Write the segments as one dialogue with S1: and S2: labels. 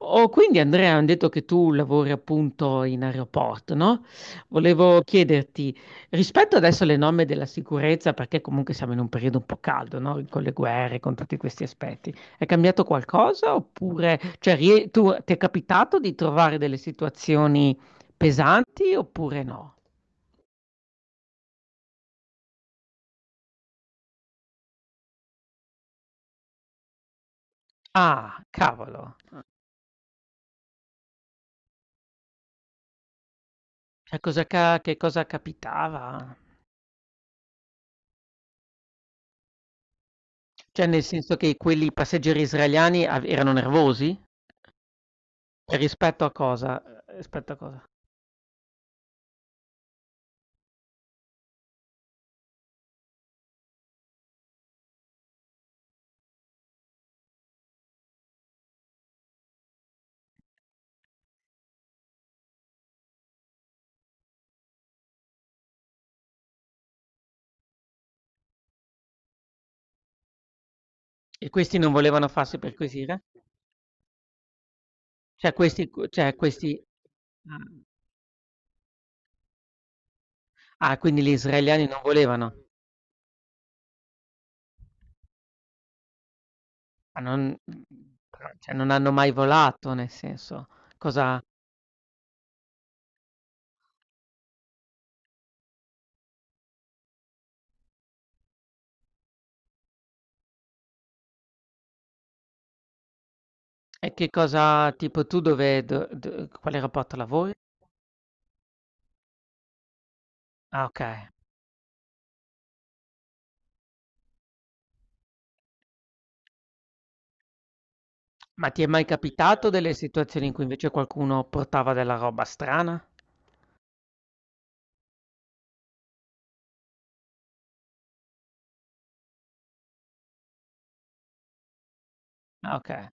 S1: Oh, quindi Andrea, hanno detto che tu lavori appunto in aeroporto, no? Volevo chiederti, rispetto adesso alle norme della sicurezza, perché comunque siamo in un periodo un po' caldo, no? Con le guerre, con tutti questi aspetti, è cambiato qualcosa oppure, cioè, tu, ti è capitato di trovare delle situazioni pesanti oppure no? Ah, cavolo, cioè, che cosa capitava? Cioè, nel senso che quelli passeggeri israeliani erano nervosi? E rispetto a cosa? Rispetto a cosa? E questi non volevano farsi perquisire? Cioè questi ah. Ah, quindi gli israeliani non volevano? Ma non però cioè non hanno mai volato, nel senso, cosa che cosa tipo tu dove do do quale rapporto lavori? Ah, okay. Ma ti è mai capitato delle situazioni in cui invece qualcuno portava della roba strana? Ah, okay.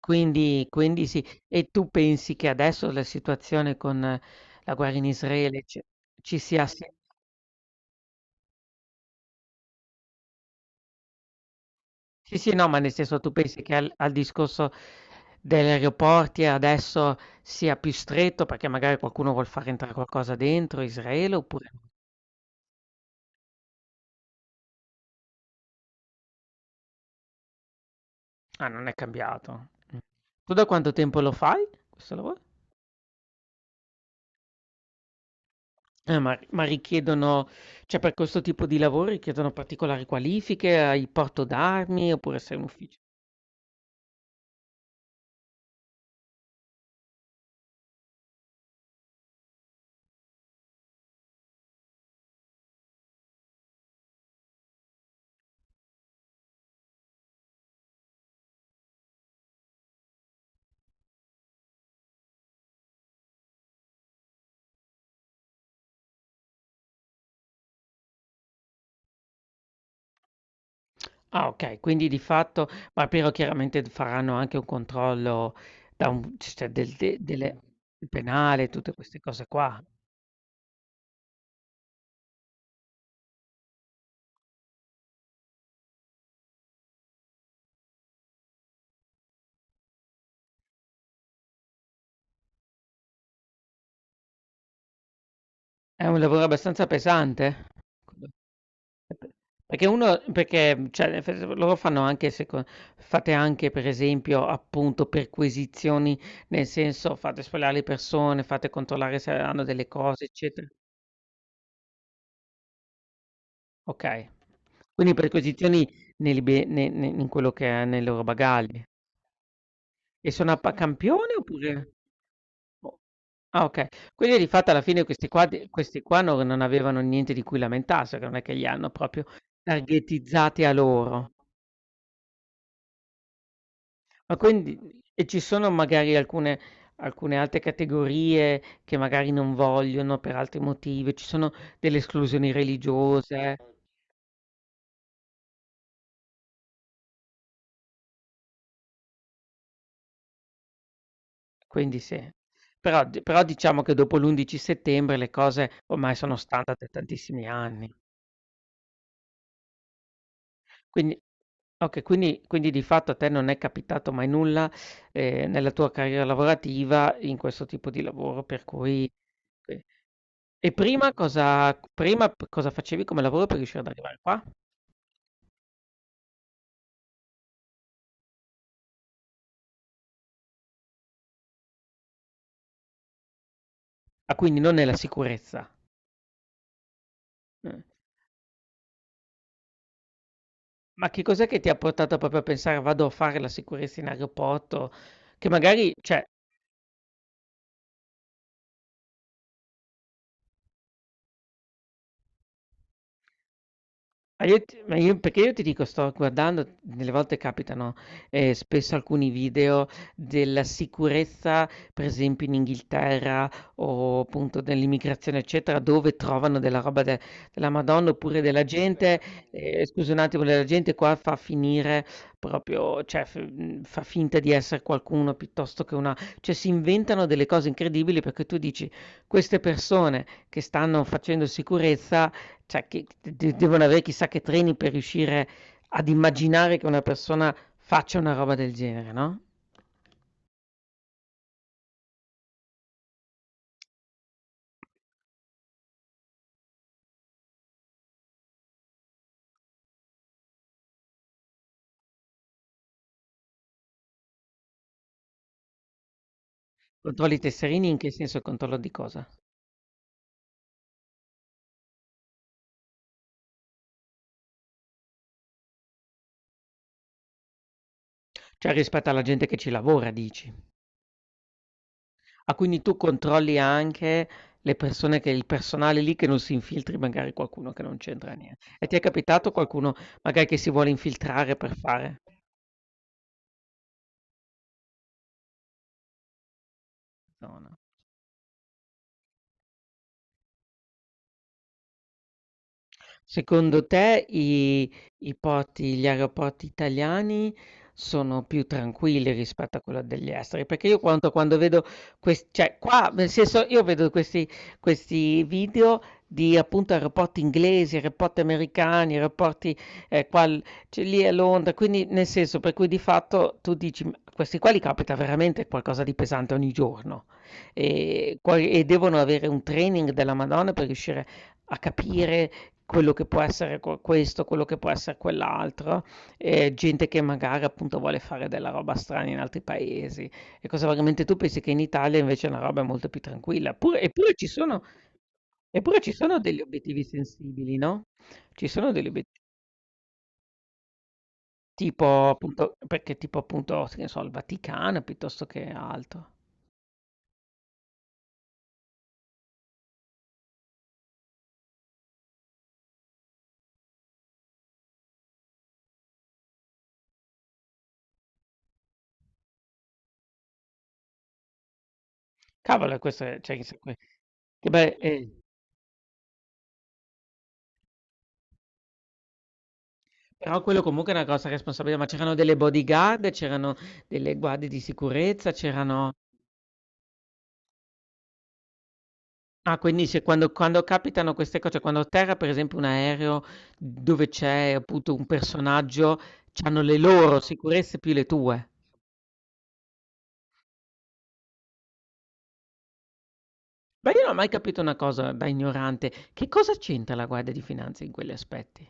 S1: Quindi sì. E tu pensi che adesso la situazione con la guerra in Israele ci ci sia sì sì, sì, no, ma nel senso tu pensi che al discorso degli aeroporti adesso sia più stretto perché magari qualcuno vuol far entrare qualcosa dentro Israele oppure ah, non è cambiato. Mh. Tu da quanto tempo lo fai questo lavoro? Ma richiedono cioè per questo tipo di lavoro richiedono particolari qualifiche, hai porto d'armi oppure sei un ufficio. Ah okay, quindi di fatto ma però chiaramente d faranno anche un controllo da un c cioè del de delle, il penale, tutte queste cose qua. È un lavoro abbastanza pesante? Quello pe perché uno perché, cioè nel senso loro fanno anche seco fate anche per esempio, appunto, perquisizioni, nel senso fate sfogliare le persone, fate controllare se hanno delle cose, eccetera? Okay. Quindi perquisizioni nei libe ne ne in quello che è nei loro bagagli. E sono a pa campione oppure o ah okay. Quindi di fatto alla fine questi qua non avevano niente di cui lamentarsi, perché non è che li hanno proprio targetizzati a loro. Ma quindi ci sono magari alcune altre categorie che magari non vogliono per altri motivi, ci sono delle esclusioni religiose, quindi sì. Però diciamo che dopo l'11 settembre le cose ormai sono standard da tantissimi anni. Quindi okay, quindi di fatto a te non è capitato mai nulla, nella tua carriera lavorativa in questo tipo di lavoro per cui e e prima cosa prima p cosa facevi come lavoro per riuscire ad arrivare qua? Ah, quindi non è la sicurezza. Mh. Ma che cos'è che ti ha portato proprio a pensare: "Vado a fare la sicurezza in aeroporto?" Che magari cioè Ma io ti ma io perché io ti dico sto guardando, delle volte capitano, spesso alcuni video della sicurezza, per esempio in Inghilterra o appunto dell'immigrazione eccetera, dove trovano della roba de della Madonna, oppure della gente scusa un attimo, della gente qua fa finire proprio fa finta di essere qualcuno piuttosto che una cioè si inventano delle cose incredibili perché tu dici: "Queste persone che stanno facendo sicurezza cioè che d de devono avere chissà che treni per riuscire ad immaginare che una persona faccia una roba del genere, no?" Controlli i tesserini in che senso controllo di cosa? Cioè rispetto alla gente che ci lavora dici. Ah, quindi tu controlli anche le persone che il personale lì che non si infiltri magari qualcuno che non c'entra nie e ti è capitato qualcuno magari che si vuole infiltrare per fare? No, no. Secondo te i i porti gli aeroporti italiani sono più tranquilli rispetto a quello degli esteri? Perché io quanto quando vedo questi, cioè qua, nel senso, io vedo questi, questi video di appunto aeroporti inglesi, aeroporti americani, aeroporti eh, qua, l- cioè, lì a Londra, quindi nel senso per cui di fatto tu dici, "Ma questi qua li capita veramente qualcosa di pesante ogni giorno e, e devono avere un training della Madonna per riuscire a capire quello che può essere questo, quello che può essere quell'altro, gente che magari appunto vuole fare della roba strana in altri paesi e cosa veramente tu pensi che in Italia invece la roba è molto più tranquilla, pure eppure ci sono degli obiettivi sensibili, no, ci sono degli obiet tipo appunto che ne so, il Vaticano piuttosto che altro. Cavolo e questo è cioè che se que che beh, ehm. Però quello comunque è una grossa responsabilità, ma c'erano delle bodyguard, c'erano delle guardie di sicurezza, c'erano... Ah, quindi se quando, quando capitano queste cose, cioè quando atterra per esempio un aereo dove c'è appunto un personaggio, c'hanno le loro sicurezze più le tue. Ma io non ho mai capito una cosa da ignorante, che cosa c'entra la guardia di finanza in quegli aspetti?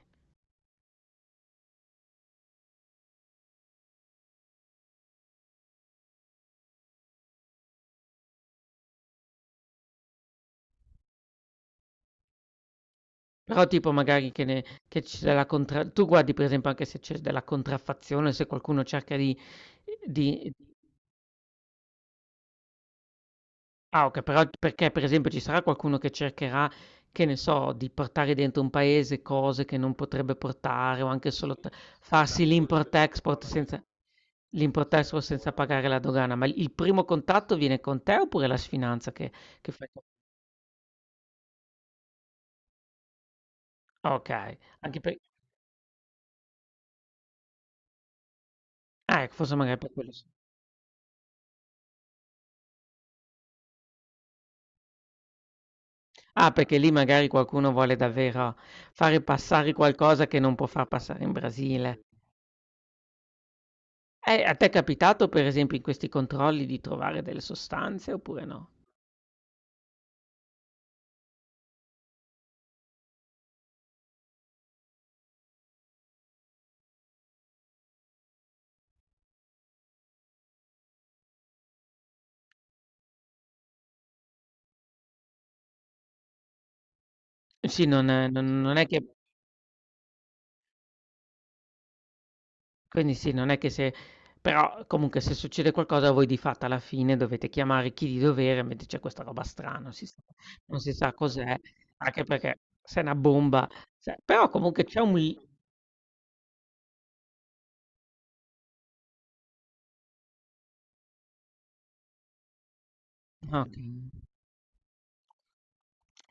S1: Però tipo magari che c'è della contra... Tu guardi per esempio anche se c'è della contraffazione, se qualcuno cerca di di- ah ok, però perché per esempio ci sarà qualcuno che cercherà, che ne so, di portare dentro un paese cose che non potrebbe portare o anche solo farsi l'import-export senza pagare la dogana, ma il primo contatto viene con te oppure la sfinanza che fai? Ok, anche per... Ah, ecco, forse magari per quello sì. Ah, perché lì magari qualcuno vuole davvero fare passare qualcosa che non può far passare in Brasile. A te è capitato per esempio in questi controlli di trovare delle sostanze oppure no? Sì, non è che quindi sì, non è che se però comunque se succede qualcosa voi di fatto alla fine dovete chiamare chi di dovere, mentre c'è questa roba strana, non si sa non si sa cos'è, anche perché se è una bomba se però comunque c'è un li ah, okay.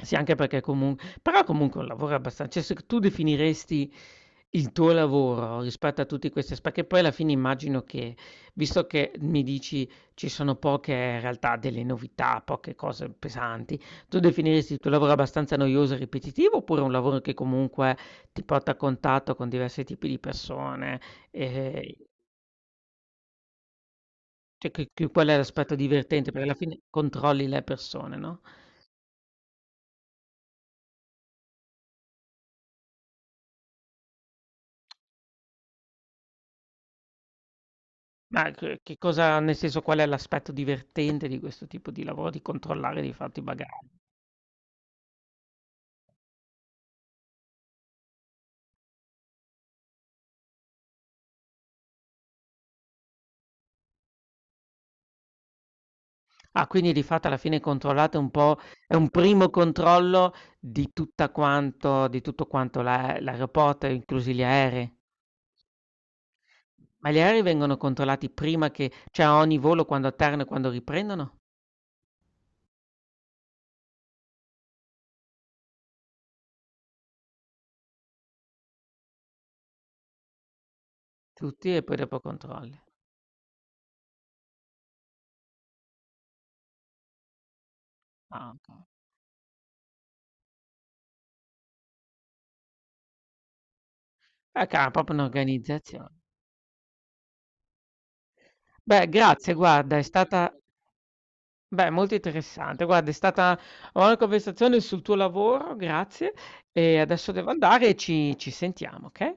S1: Sì, anche perché comun però comunque è un lavoro abbastan cioè se tu definiresti il tuo lavoro rispetto a tutti questi aspe perché poi alla fine immagino che, visto che mi dici ci sono poche in realtà delle novità, poche cose pesanti, tu definiresti il tuo lavoro abbastanza noioso e ripetitivo oppure un lavoro che comunque ti porta a contatto con diversi tipi di persone, ehm, cioè che qual è l'aspetto divertente? Perché alla fine controlli le persone, no? Ma che cosa nel senso, qual è l'aspetto divertente di questo tipo di lavoro, di controllare di fatto i bagagli? Ah, quindi di fatto alla fine controllate un po' è un primo controllo di tutta quanto di tutto quanto l'aeroporto, inclusi gli aerei? Ma gli aerei vengono controllati prima che cioè a ogni volo quando atterrano e quando riprendono? Tutti e poi dopo controlli. Ah, okay. Ca proprio un'organizzazione. Beh, grazie guarda, è stata beh, molto interessante. Guarda, è stata una buona conversazione sul tuo lavoro, grazie. E adesso devo andare e ci sentiamo, okay?